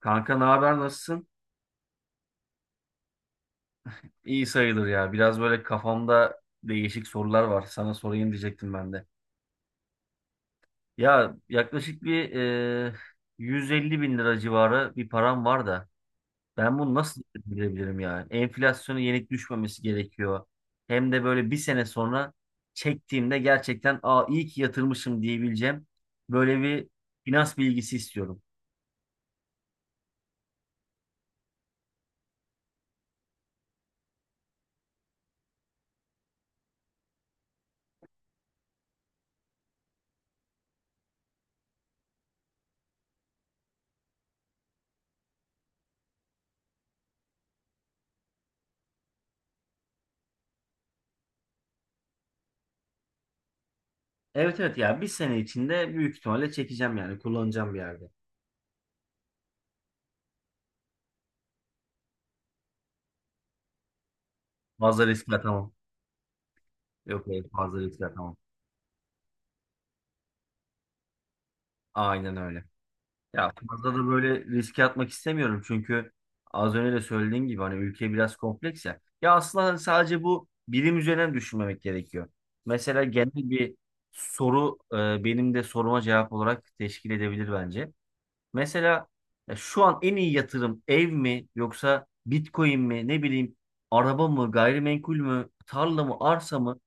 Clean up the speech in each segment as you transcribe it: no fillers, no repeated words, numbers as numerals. Kanka ne haber nasılsın? İyi sayılır ya. Biraz böyle kafamda değişik sorular var. Sana sorayım diyecektim ben de. Ya yaklaşık bir e, 150 bin lira civarı bir param var da ben bunu nasıl bilebilirim yani? Enflasyonu yenik düşmemesi gerekiyor. Hem de böyle bir sene sonra çektiğimde gerçekten aa iyi ki yatırmışım diyebileceğim böyle bir finans bilgisi istiyorum. Evet evet ya bir sene içinde büyük ihtimalle çekeceğim yani kullanacağım bir yerde. Fazla riske atamam. Yok evet fazla riske atamam. Aynen öyle. Ya fazla da böyle riske atmak istemiyorum çünkü az önce de söylediğim gibi hani ülke biraz kompleks ya. Ya aslında hani sadece bu bilim üzerine düşünmemek gerekiyor. Mesela genel bir soru benim de soruma cevap olarak teşkil edebilir bence. Mesela ya şu an en iyi yatırım ev mi yoksa Bitcoin mi ne bileyim araba mı gayrimenkul mü tarla mı arsa mı?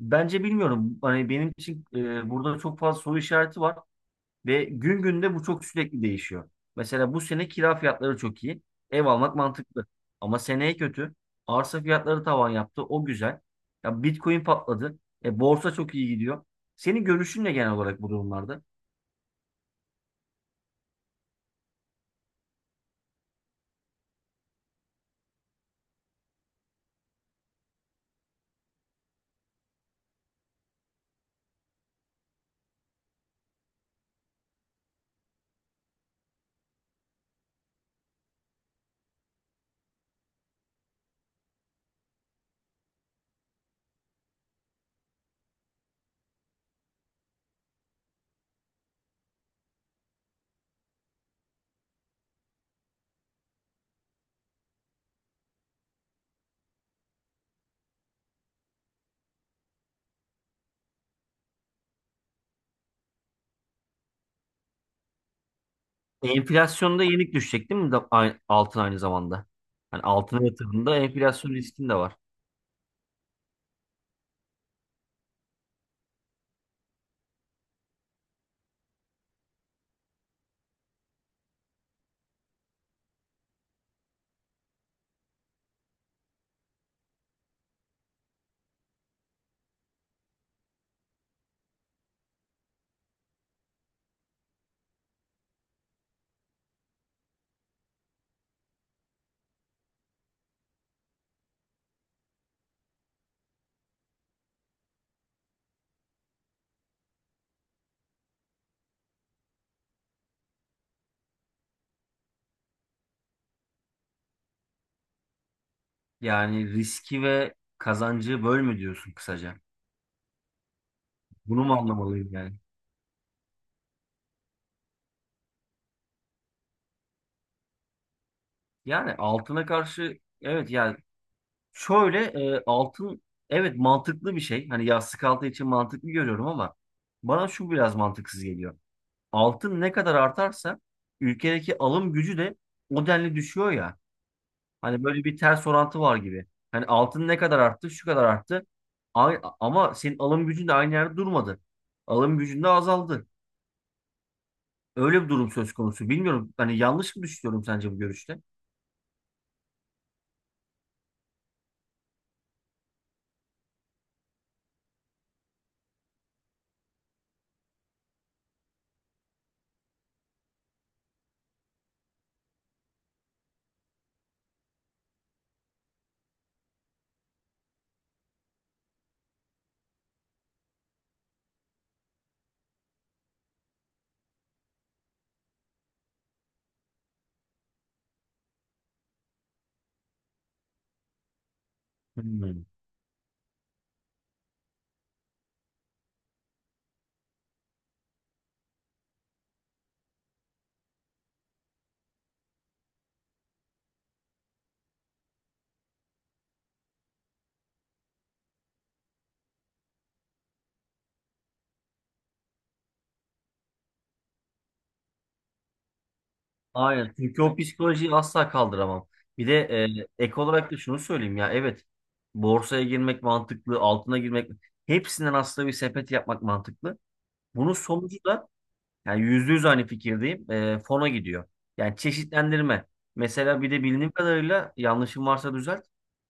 Bence bilmiyorum. Hani benim için burada çok fazla soru işareti var. Ve gün günde bu çok sürekli değişiyor. Mesela bu sene kira fiyatları çok iyi. Ev almak mantıklı. Ama seneye kötü. Arsa fiyatları tavan yaptı. O güzel. Ya Bitcoin patladı. Borsa çok iyi gidiyor. Senin görüşün ne genel olarak bu durumlarda? Enflasyonda yenik düşecek değil mi altın aynı zamanda? Yani altına yatırımda enflasyon riskin de var. Yani riski ve kazancı böl mü diyorsun kısaca? Bunu mu anlamalıyım yani? Yani altına karşı evet yani şöyle altın evet mantıklı bir şey. Hani yastık altı için mantıklı görüyorum ama bana şu biraz mantıksız geliyor. Altın ne kadar artarsa ülkedeki alım gücü de o denli düşüyor ya. Hani böyle bir ters orantı var gibi. Hani altın ne kadar arttı, şu kadar arttı. Ama senin alım gücün de aynı yerde durmadı. Alım gücün de azaldı. Öyle bir durum söz konusu. Bilmiyorum. Hani yanlış mı düşünüyorum sence bu görüşte? Hmm. Aynen. Çünkü o psikolojiyi asla kaldıramam. Bir de ek olarak da şunu söyleyeyim ya. Evet. Borsaya girmek mantıklı, altına girmek. Hepsinden aslında bir sepet yapmak mantıklı. Bunun sonucu da yani yüzde yüz aynı fikirdeyim. Fona gidiyor. Yani çeşitlendirme. Mesela bir de bildiğim kadarıyla yanlışım varsa düzelt.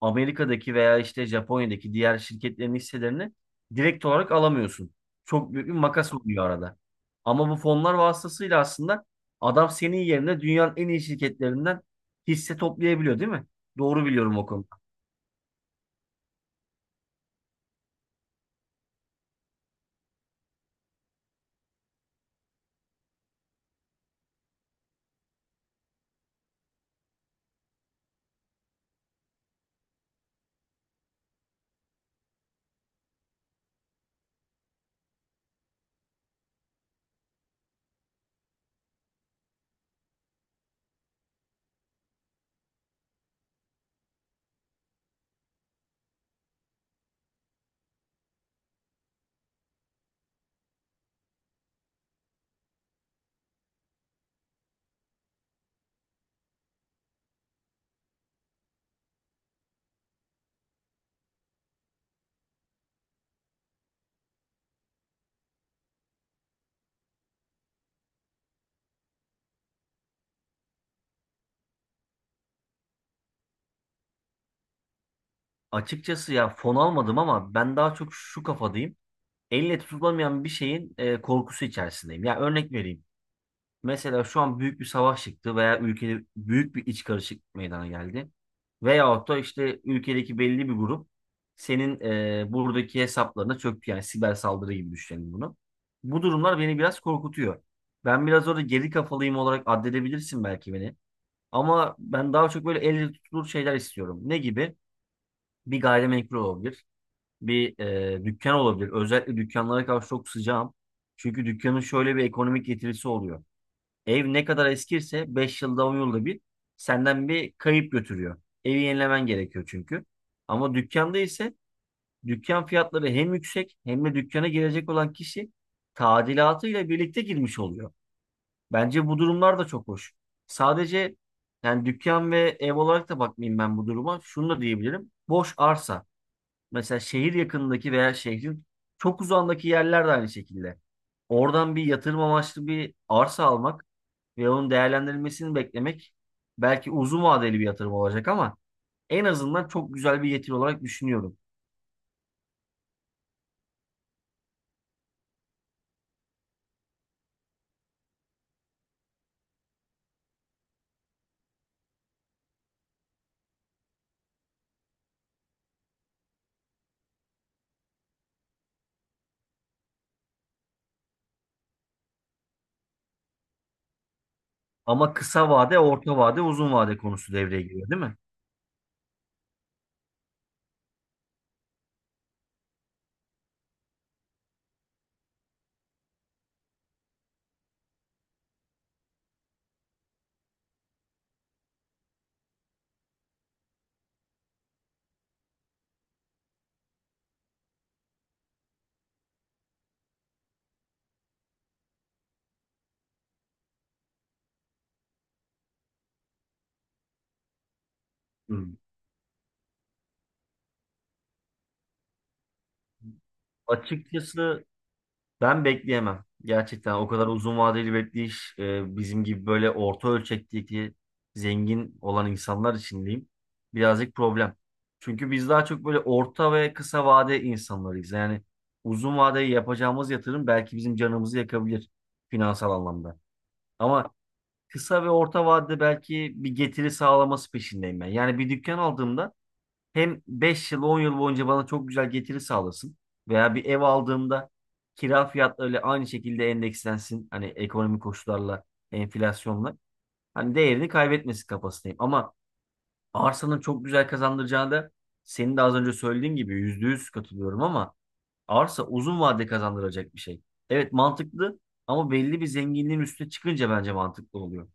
Amerika'daki veya işte Japonya'daki diğer şirketlerin hisselerini direkt olarak alamıyorsun. Çok büyük bir makas oluyor arada. Ama bu fonlar vasıtasıyla aslında adam senin yerine dünyanın en iyi şirketlerinden hisse toplayabiliyor, değil mi? Doğru biliyorum o konuda. Açıkçası ya fon almadım ama ben daha çok şu kafadayım. Elle tutulamayan bir şeyin korkusu içerisindeyim. Ya örnek vereyim. Mesela şu an büyük bir savaş çıktı veya ülkede büyük bir iç karışıklık meydana geldi. Veyahut da işte ülkedeki belli bir grup senin buradaki hesaplarına çöktü. Yani siber saldırı gibi düşünelim bunu. Bu durumlar beni biraz korkutuyor. Ben biraz orada geri kafalıyım olarak addedebilirsin belki beni. Ama ben daha çok böyle elle tutulur şeyler istiyorum. Ne gibi? Bir gayrimenkul olabilir. Bir dükkan olabilir. Özellikle dükkanlara karşı çok sıcağım. Çünkü dükkanın şöyle bir ekonomik getirisi oluyor. Ev ne kadar eskirse 5 yılda 10 yılda bir senden bir kayıp götürüyor. Evi yenilemen gerekiyor çünkü. Ama dükkanda ise dükkan fiyatları hem yüksek hem de dükkana girecek olan kişi tadilatıyla birlikte girmiş oluyor. Bence bu durumlar da çok hoş. Sadece yani dükkan ve ev olarak da bakmayayım ben bu duruma. Şunu da diyebilirim. Boş arsa. Mesela şehir yakınındaki veya şehrin çok uzağındaki yerler de aynı şekilde. Oradan bir yatırım amaçlı bir arsa almak ve onun değerlendirilmesini beklemek belki uzun vadeli bir yatırım olacak ama en azından çok güzel bir getiri olarak düşünüyorum. Ama kısa vade, orta vade, uzun vade konusu devreye giriyor, değil mi? Hı. Açıkçası ben bekleyemem. Gerçekten o kadar uzun vadeli bekleyiş bizim gibi böyle orta ölçekteki zengin olan insanlar için diyeyim birazcık problem. Çünkü biz daha çok böyle orta ve kısa vade insanlarıyız. Yani uzun vadeli yapacağımız yatırım belki bizim canımızı yakabilir finansal anlamda. Ama kısa ve orta vadede belki bir getiri sağlaması peşindeyim ben. Yani bir dükkan aldığımda hem 5 yıl 10 yıl boyunca bana çok güzel getiri sağlasın veya bir ev aldığımda kira fiyatlarıyla aynı şekilde endekslensin hani ekonomik koşullarla enflasyonla hani değerini kaybetmesin kafasındayım ama arsanın çok güzel kazandıracağı da senin de az önce söylediğin gibi %100 katılıyorum ama arsa uzun vade kazandıracak bir şey. Evet mantıklı ama belli bir zenginliğin üstüne çıkınca bence mantıklı oluyor.